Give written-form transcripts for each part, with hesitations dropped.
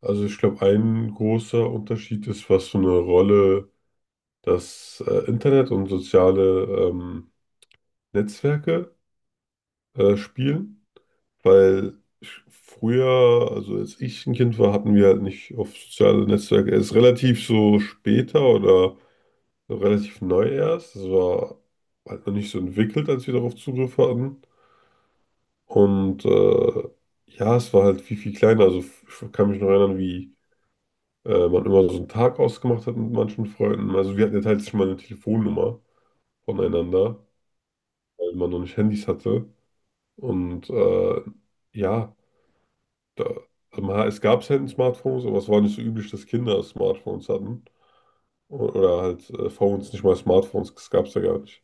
Also ich glaube, ein großer Unterschied ist, was für eine Rolle das Internet und soziale ähm, Netzwerke spielen. Weil ich, früher, also als ich ein Kind war, hatten wir halt nicht auf soziale Netzwerke. Erst relativ so später oder so relativ neu erst. Das war halt noch nicht so entwickelt, als wir darauf Zugriff hatten. Und ja, es war halt viel, viel kleiner. Also ich kann mich noch erinnern, wie man immer so einen Tag ausgemacht hat mit manchen Freunden. Also wir hatten ja teilweise mal eine Telefonnummer voneinander, weil man noch nicht Handys hatte. Und ja, da, also man, es gab selten Smartphones, aber es war nicht so üblich, dass Kinder Smartphones hatten. Oder halt Phones, nicht mal Smartphones, das gab es ja gar nicht.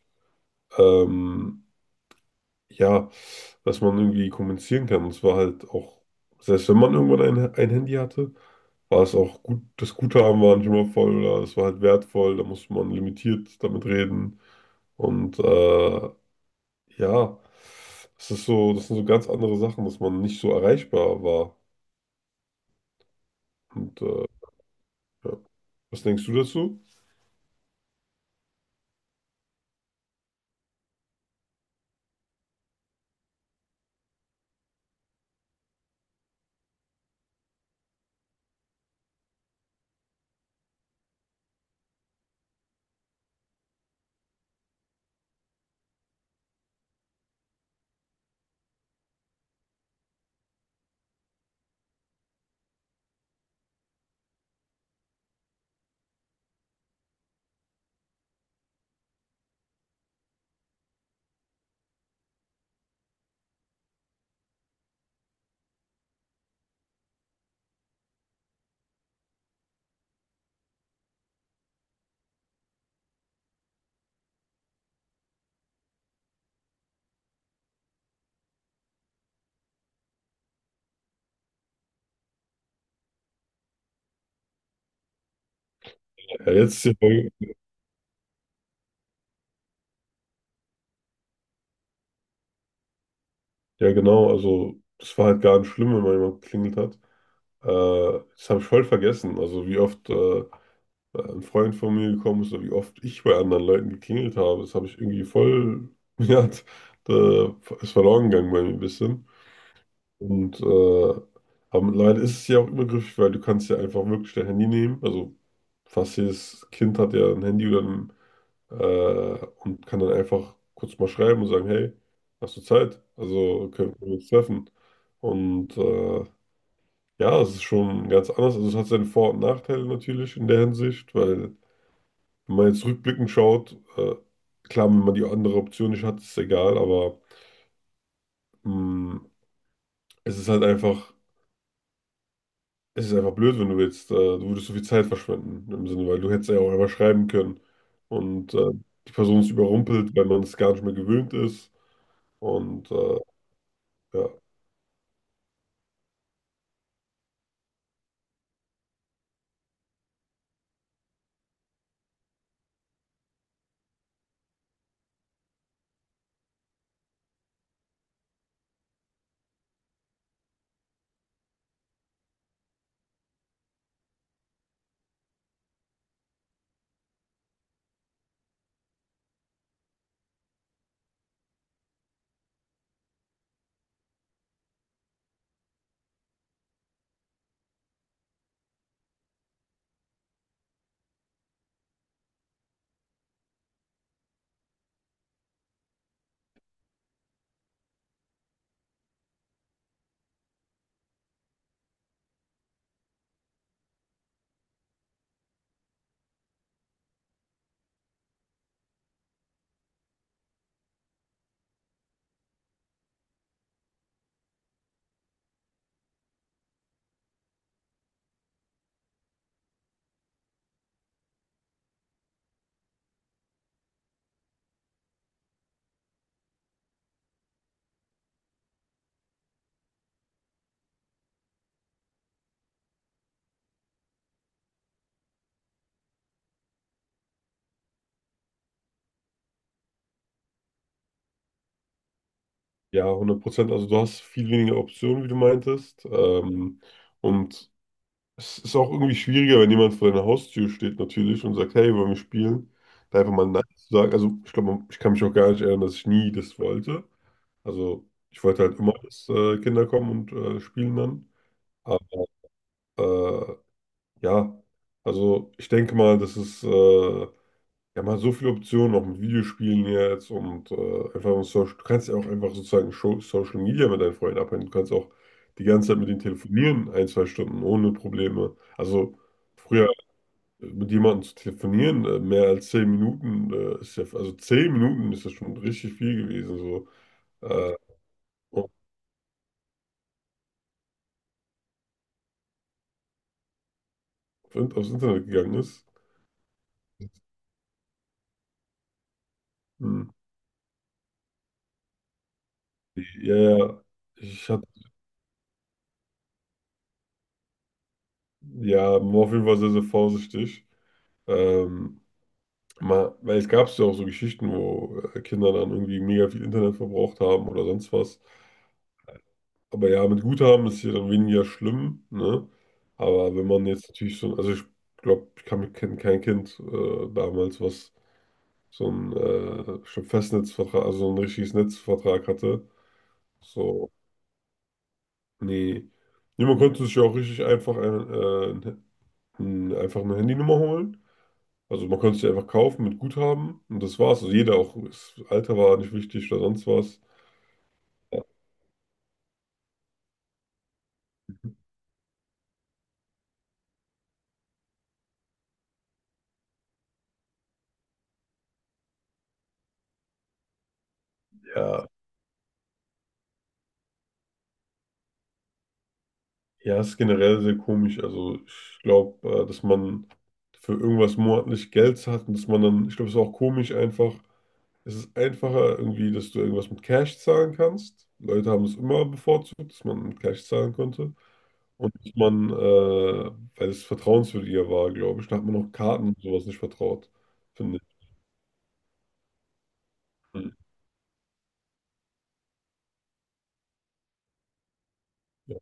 Ähm, ja, dass man irgendwie kommunizieren kann. Und es war halt auch, selbst wenn man irgendwann ein Handy hatte, war es auch gut, das Guthaben war nicht immer voll oder es war halt wertvoll, da musste man limitiert damit reden. Und ja, das ist so, das sind so ganz andere Sachen, dass man nicht so erreichbar war. Und äh, ja. Was denkst du dazu? Ja, jetzt ist ja, voll- Ja, genau, also das war halt gar nicht schlimm, wenn mal jemand geklingelt hat. Das habe ich voll vergessen. Also wie oft da ein Freund von mir gekommen ist oder wie oft ich bei anderen Leuten geklingelt habe. Das habe ich irgendwie voll, ja, da ist verloren gegangen bei mir ein bisschen. Und äh, aber leider ist es ja auch übergriffig, weil du kannst ja einfach wirklich dein Handy nehmen. Also fast jedes Kind hat ja ein Handy oder und kann dann einfach kurz mal schreiben und sagen, hey, hast du Zeit? Also können wir uns treffen. Und ja, es ist schon ganz anders. Also es hat seine Vor- und Nachteile natürlich in der Hinsicht, weil wenn man jetzt rückblickend schaut, klar, wenn man die andere Option nicht hat, ist egal, aber mh, es ist halt einfach, es ist einfach blöd, wenn du jetzt, du würdest so viel Zeit verschwenden, im Sinne, weil du hättest ja auch einfach schreiben können und die Person ist überrumpelt, weil man es gar nicht mehr gewöhnt ist und ja, ja, 100%, also du hast viel weniger Optionen, wie du meintest und es ist auch irgendwie schwieriger, wenn jemand vor deiner Haustür steht natürlich und sagt, hey, wollen wir spielen? Da einfach mal Nein zu sagen. Also ich glaube, ich kann mich auch gar nicht erinnern, dass ich nie das wollte. Also ich wollte halt immer, dass Kinder kommen und spielen dann. Aber äh, ja, also ich denke mal, das ist ja, man hat so viele Optionen auch mit Videospielen jetzt und einfach mit Social. Du kannst ja auch einfach sozusagen Social Media mit deinen Freunden abhängen. Du kannst auch die ganze Zeit mit denen telefonieren, ein, zwei Stunden ohne Probleme. Also früher mit jemandem zu telefonieren, mehr als 10 Minuten ist ja, also 10 Minuten ist ja schon richtig viel gewesen, so äh, und aufs Internet gegangen ist. Hm. Ja, ja, ich hatte, ja, war auf jeden Fall sehr, sehr vorsichtig. Ähm, Mal, weil es gab ja auch so Geschichten, wo Kinder dann irgendwie mega viel Internet verbraucht haben oder sonst was. Aber ja, mit Guthaben ist hier dann weniger schlimm, ne? Aber wenn man jetzt natürlich so, also ich glaube, ich kann mich kein Kind damals, was so ein schon Festnetzvertrag, also so ein richtiges Netzvertrag hatte. So, nee. Niemand konnte sich ja auch richtig einfach einfach eine Handynummer holen. Also man konnte sie einfach kaufen mit Guthaben und das war's. Also jeder auch, das Alter war nicht wichtig oder sonst was. Ja, ja, ist generell sehr komisch. Also ich glaube, dass man für irgendwas monatlich Geld hat und dass man dann, ich glaube, es ist auch komisch einfach. Es ist einfacher irgendwie, dass du irgendwas mit Cash zahlen kannst. Leute haben es immer bevorzugt, dass man mit Cash zahlen konnte. Und dass man, weil es vertrauenswürdiger war, glaube ich, da hat man auch Karten und sowas nicht vertraut, finde ich. Hm. Ja.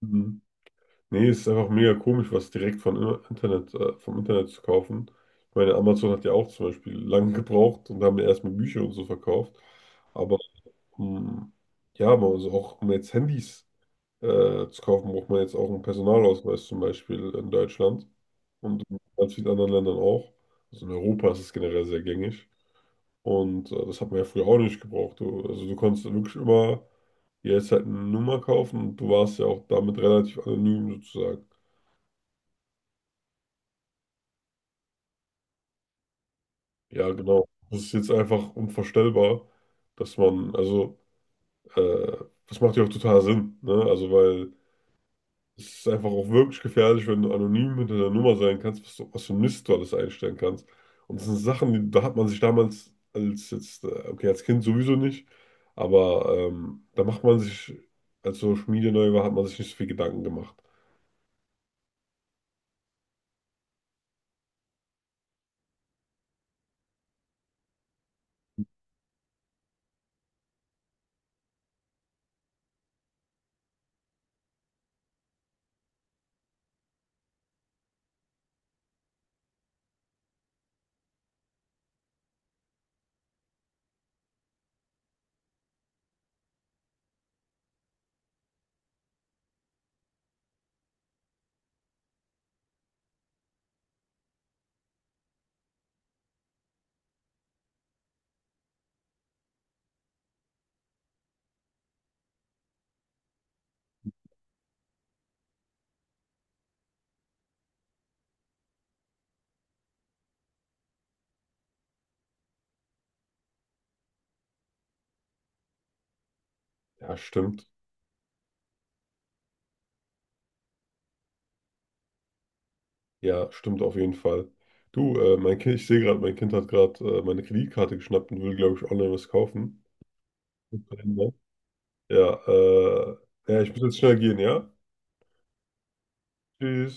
Mhm. Nee, es ist einfach mega komisch, was direkt vom Internet zu kaufen. Ich meine, Amazon hat ja auch zum Beispiel lange gebraucht und haben ja erstmal Bücher und so verkauft. Aber ähm, ja, aber also auch um jetzt Handys zu kaufen, braucht man jetzt auch einen Personalausweis zum Beispiel in Deutschland und in ganz vielen anderen Ländern auch. Also in Europa ist es generell sehr gängig. Und das hat man ja früher auch nicht gebraucht. Du, also du konntest wirklich immer dir jetzt halt eine Nummer kaufen und du warst ja auch damit relativ anonym sozusagen. Ja, genau. Das ist jetzt einfach unvorstellbar, dass man, also, äh, das macht ja auch total Sinn, ne? Also, weil es ist einfach auch wirklich gefährlich, wenn du anonym hinter der Nummer sein kannst, was, du, was für Mist du alles einstellen kannst. Und das sind Sachen, die, da hat man sich damals als jetzt, okay, als Kind sowieso nicht, aber da macht man sich, als Social Media neu war, hat man sich nicht so viel Gedanken gemacht. Ja, stimmt. Ja, stimmt auf jeden Fall. Du, mein Kind, ich sehe gerade, mein Kind hat gerade meine Kreditkarte geschnappt und will, glaube ich, online was kaufen. Ja, ja, ich muss jetzt schnell gehen, ja? Tschüss.